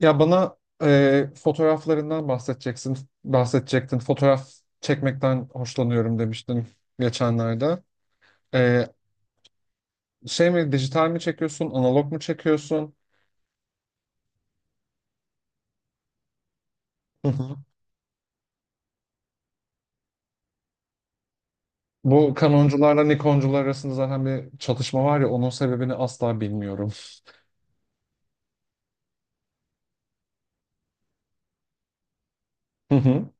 Ya bana fotoğraflarından bahsedecektin. Fotoğraf çekmekten hoşlanıyorum demiştin geçenlerde. E, Şey mi, dijital mi çekiyorsun, analog mu çekiyorsun? Hı hı. Bu Canoncularla Nikoncular arasında zaten bir çatışma var ya, onun sebebini asla bilmiyorum. Hı hı.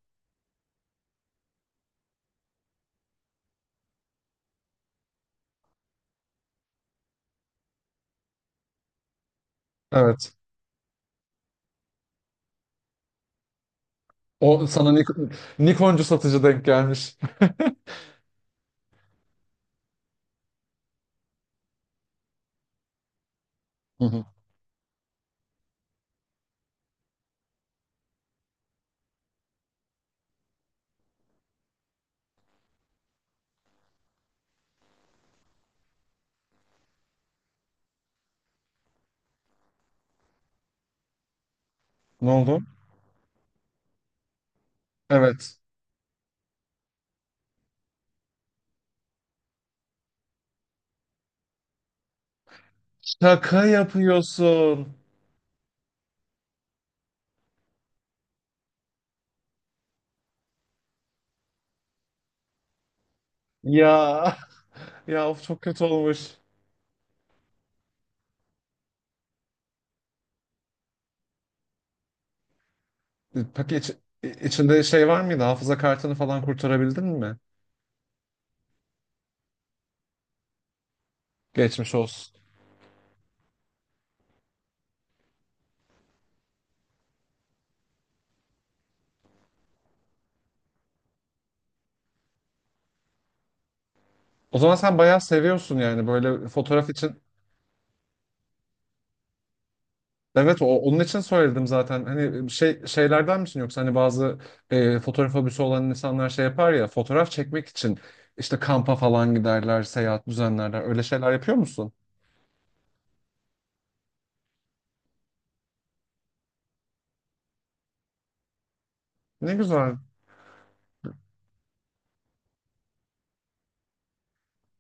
Evet. O sana Nikoncu satıcı denk gelmiş. Hı hı. Ne oldu? Evet. Şaka yapıyorsun. Ya. Ya of, çok kötü olmuş. Peki içinde şey var mıydı? Hafıza kartını falan kurtarabildin mi? Geçmiş olsun. O zaman sen bayağı seviyorsun yani, böyle fotoğraf için. Evet, onun için söyledim zaten. Hani şeylerden misin, yoksa hani bazı fotoğraf hobisi olan insanlar şey yapar ya, fotoğraf çekmek için işte kampa falan giderler, seyahat düzenlerler. Öyle şeyler yapıyor musun? Ne güzel.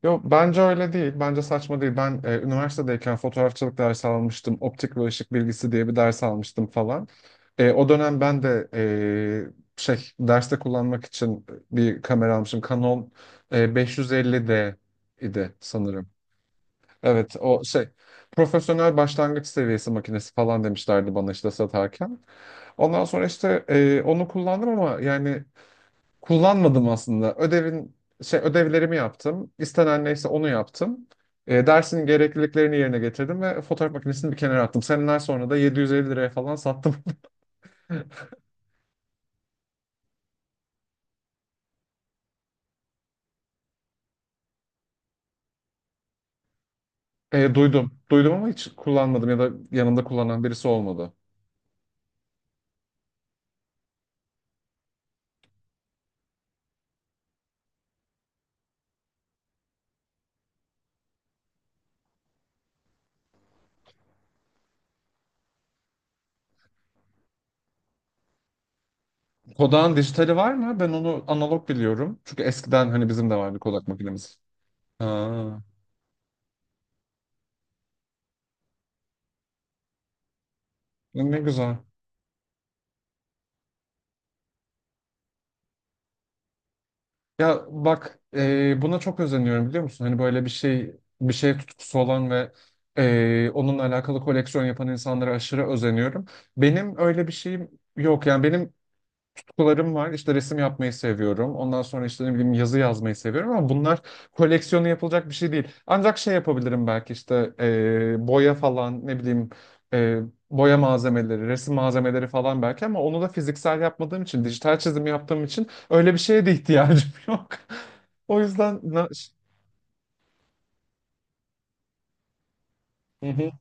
Yo, bence öyle değil. Bence saçma değil. Ben üniversitedeyken fotoğrafçılık dersi almıştım. Optik ve ışık bilgisi diye bir ders almıştım falan. O dönem ben de derste kullanmak için bir kamera almışım. Canon 550D idi sanırım. Evet, o şey profesyonel başlangıç seviyesi makinesi falan demişlerdi bana, işte satarken. Ondan sonra işte onu kullandım ama yani, kullanmadım aslında. Ödevin şey Ödevlerimi yaptım. İstenen neyse onu yaptım. Dersin gerekliliklerini yerine getirdim ve fotoğraf makinesini bir kenara attım. Seneler sonra da 750 liraya falan sattım. Duydum. Duydum ama hiç kullanmadım, ya da yanımda kullanan birisi olmadı. Kodak'ın dijitali var mı? Ben onu analog biliyorum. Çünkü eskiden hani bizim de vardı Kodak makinemiz. Ha, ne güzel. Ya bak, buna çok özeniyorum biliyor musun? Hani böyle bir şey tutkusu olan ve onunla alakalı koleksiyon yapan insanlara aşırı özeniyorum. Benim öyle bir şeyim yok. Yani benim kutularım var. İşte resim yapmayı seviyorum. Ondan sonra işte ne bileyim, yazı yazmayı seviyorum, ama bunlar koleksiyonu yapılacak bir şey değil. Ancak şey yapabilirim belki, işte boya falan, ne bileyim e, boya malzemeleri, resim malzemeleri falan belki, ama onu da fiziksel yapmadığım için, dijital çizim yaptığım için öyle bir şeye de ihtiyacım yok. O yüzden. Hı hı.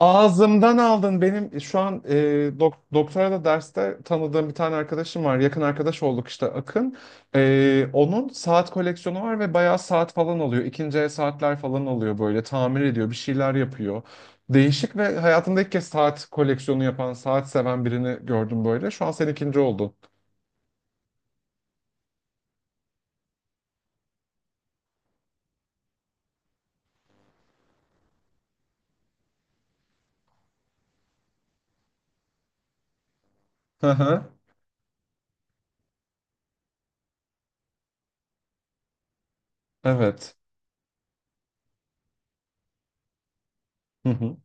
Ağzımdan aldın. Benim şu an doktora da derste tanıdığım bir tane arkadaşım var. Yakın arkadaş olduk işte, Akın. Onun saat koleksiyonu var ve bayağı saat falan alıyor. İkinci el saatler falan alıyor böyle. Tamir ediyor, bir şeyler yapıyor. Değişik, ve hayatımda ilk kez saat koleksiyonu yapan, saat seven birini gördüm böyle. Şu an sen ikinci oldun. Hı hı. Evet. Hı hı.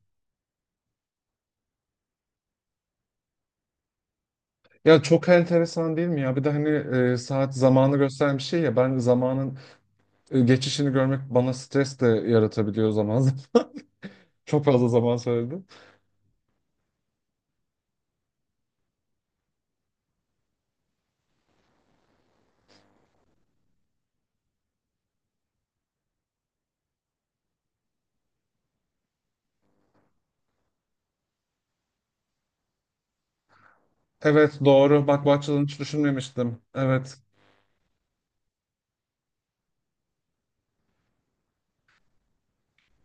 Ya çok enteresan değil mi ya? Bir de hani saat zamanı gösteren bir şey ya. Ben zamanın geçişini görmek bana stres de yaratabiliyor zaman zaman. Çok fazla zaman söyledim. Evet, doğru. Bak, bu açıdan hiç düşünmemiştim. Evet.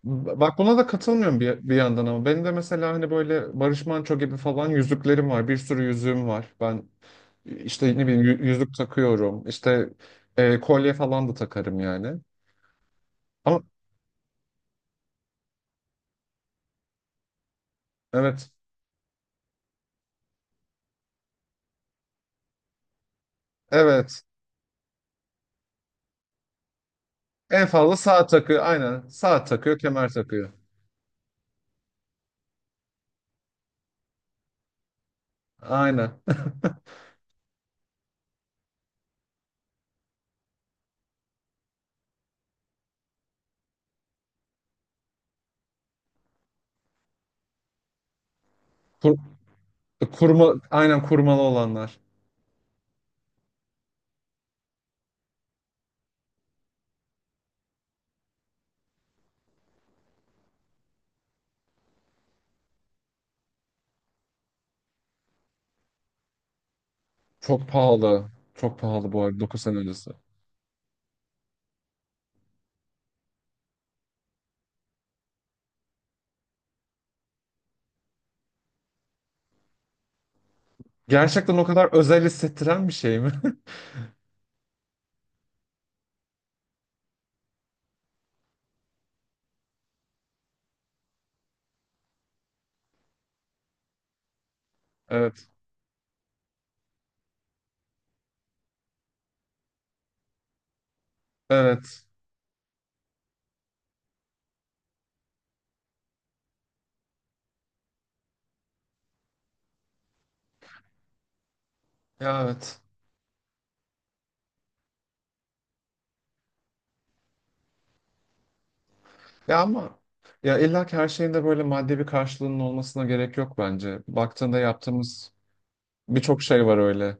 Bak, buna da katılmıyorum bir yandan ama. Benim de mesela hani böyle Barış Manço gibi falan yüzüklerim var. Bir sürü yüzüğüm var. Ben işte ne bileyim yüzük takıyorum. İşte kolye falan da takarım yani. Ama evet. Evet. En fazla saat takıyor. Aynen. Saat takıyor, kemer takıyor. Aynen. Kur- Kurma, aynen, kurmalı olanlar. Çok pahalı. Çok pahalı bu arada, 9 sene öncesi. Gerçekten o kadar özel hissettiren bir şey mi? Evet. Evet. Ya, evet. Ya ama, ya illa ki her şeyin de böyle maddi bir karşılığının olmasına gerek yok bence. Baktığında yaptığımız birçok şey var öyle.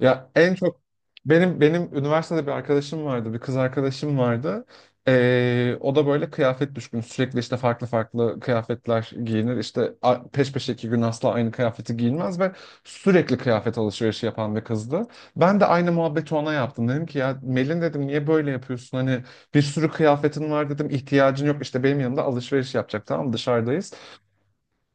Ya en çok benim üniversitede bir arkadaşım vardı, bir kız arkadaşım vardı. O da böyle kıyafet düşkünü. Sürekli işte farklı farklı kıyafetler giyinir. İşte peş peşe 2 gün asla aynı kıyafeti giyinmez ve sürekli kıyafet alışverişi yapan bir kızdı. Ben de aynı muhabbeti ona yaptım. Dedim ki, ya Melin, dedim, niye böyle yapıyorsun? Hani bir sürü kıyafetin var dedim, ihtiyacın yok. İşte benim yanımda alışveriş yapacak, tamam mı? Dışarıdayız.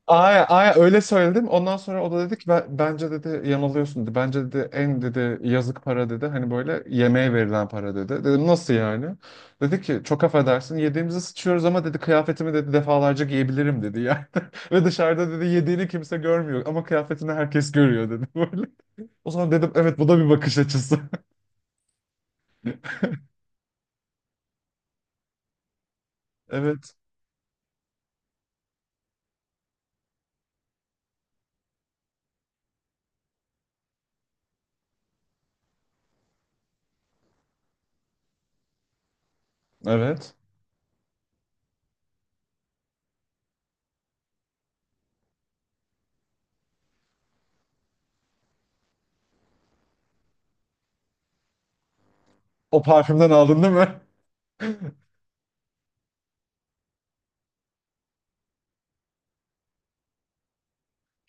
Aya öyle söyledim. Ondan sonra o da dedi ki, Bence, dedi, yanılıyorsun" dedi. Bence, dedi, en, dedi, yazık para, dedi. Hani böyle yemeğe verilen para, dedi. Dedim, nasıl yani? Dedi ki, çok affedersin yediğimizi sıçıyoruz ama, dedi, kıyafetimi, dedi, defalarca giyebilirim, dedi yani. Ve dışarıda, dedi, yediğini kimse görmüyor ama kıyafetini herkes görüyor, dedi, böyle. O zaman dedim, evet, bu da bir bakış açısı. Evet. Evet. O parfümden aldın değil mi?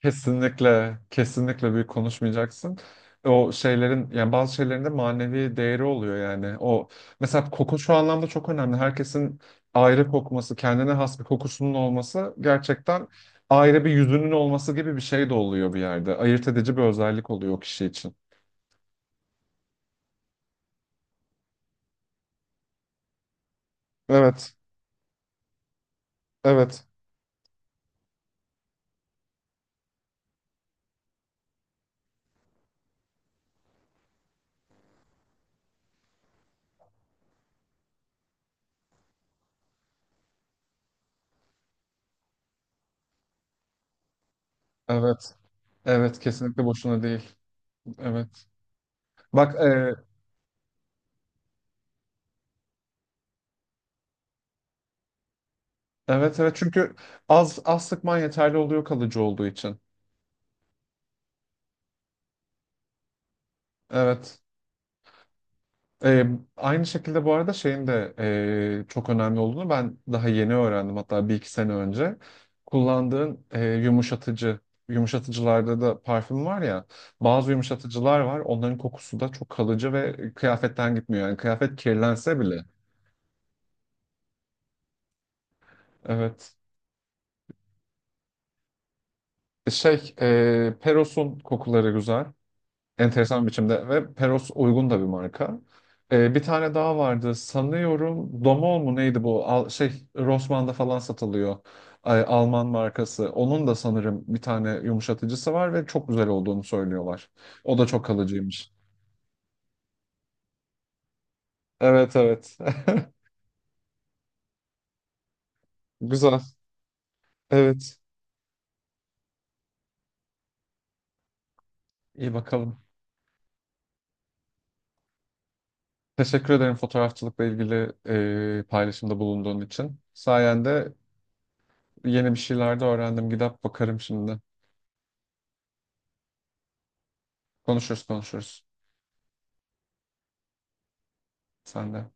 Kesinlikle, kesinlikle büyük konuşmayacaksın. O şeylerin, yani bazı şeylerin de manevi değeri oluyor yani. O mesela, koku şu anlamda çok önemli. Herkesin ayrı kokması, kendine has bir kokusunun olması, gerçekten ayrı bir yüzünün olması gibi bir şey de oluyor bir yerde. Ayırt edici bir özellik oluyor o kişi için. Evet, evet, evet, evet. Kesinlikle boşuna değil. Evet. Bak, evet, evet. Çünkü az az sıkman yeterli oluyor, kalıcı olduğu için. Evet. Ee, Aynı şekilde bu arada, şeyin de çok önemli olduğunu ben daha yeni öğrendim. Hatta bir iki sene önce. Kullandığın yumuşatıcılarda da parfüm var ya. Bazı yumuşatıcılar var. Onların kokusu da çok kalıcı ve kıyafetten gitmiyor. Yani kıyafet kirlense bile. Evet. Peros'un kokuları güzel. Enteresan bir biçimde, ve Peros uygun da bir marka. Bir tane daha vardı sanıyorum, Domol mu neydi bu, Rossmann'da falan satılıyor. Ay, Alman markası. Onun da sanırım bir tane yumuşatıcısı var ve çok güzel olduğunu söylüyorlar. O da çok kalıcıymış. Evet, evet. Güzel. Evet. İyi bakalım. Teşekkür ederim fotoğrafçılıkla ilgili paylaşımda bulunduğun için. Sayende yeni bir şeyler de öğrendim. Gidip bakarım şimdi. Konuşuruz, konuşuruz. Sen de.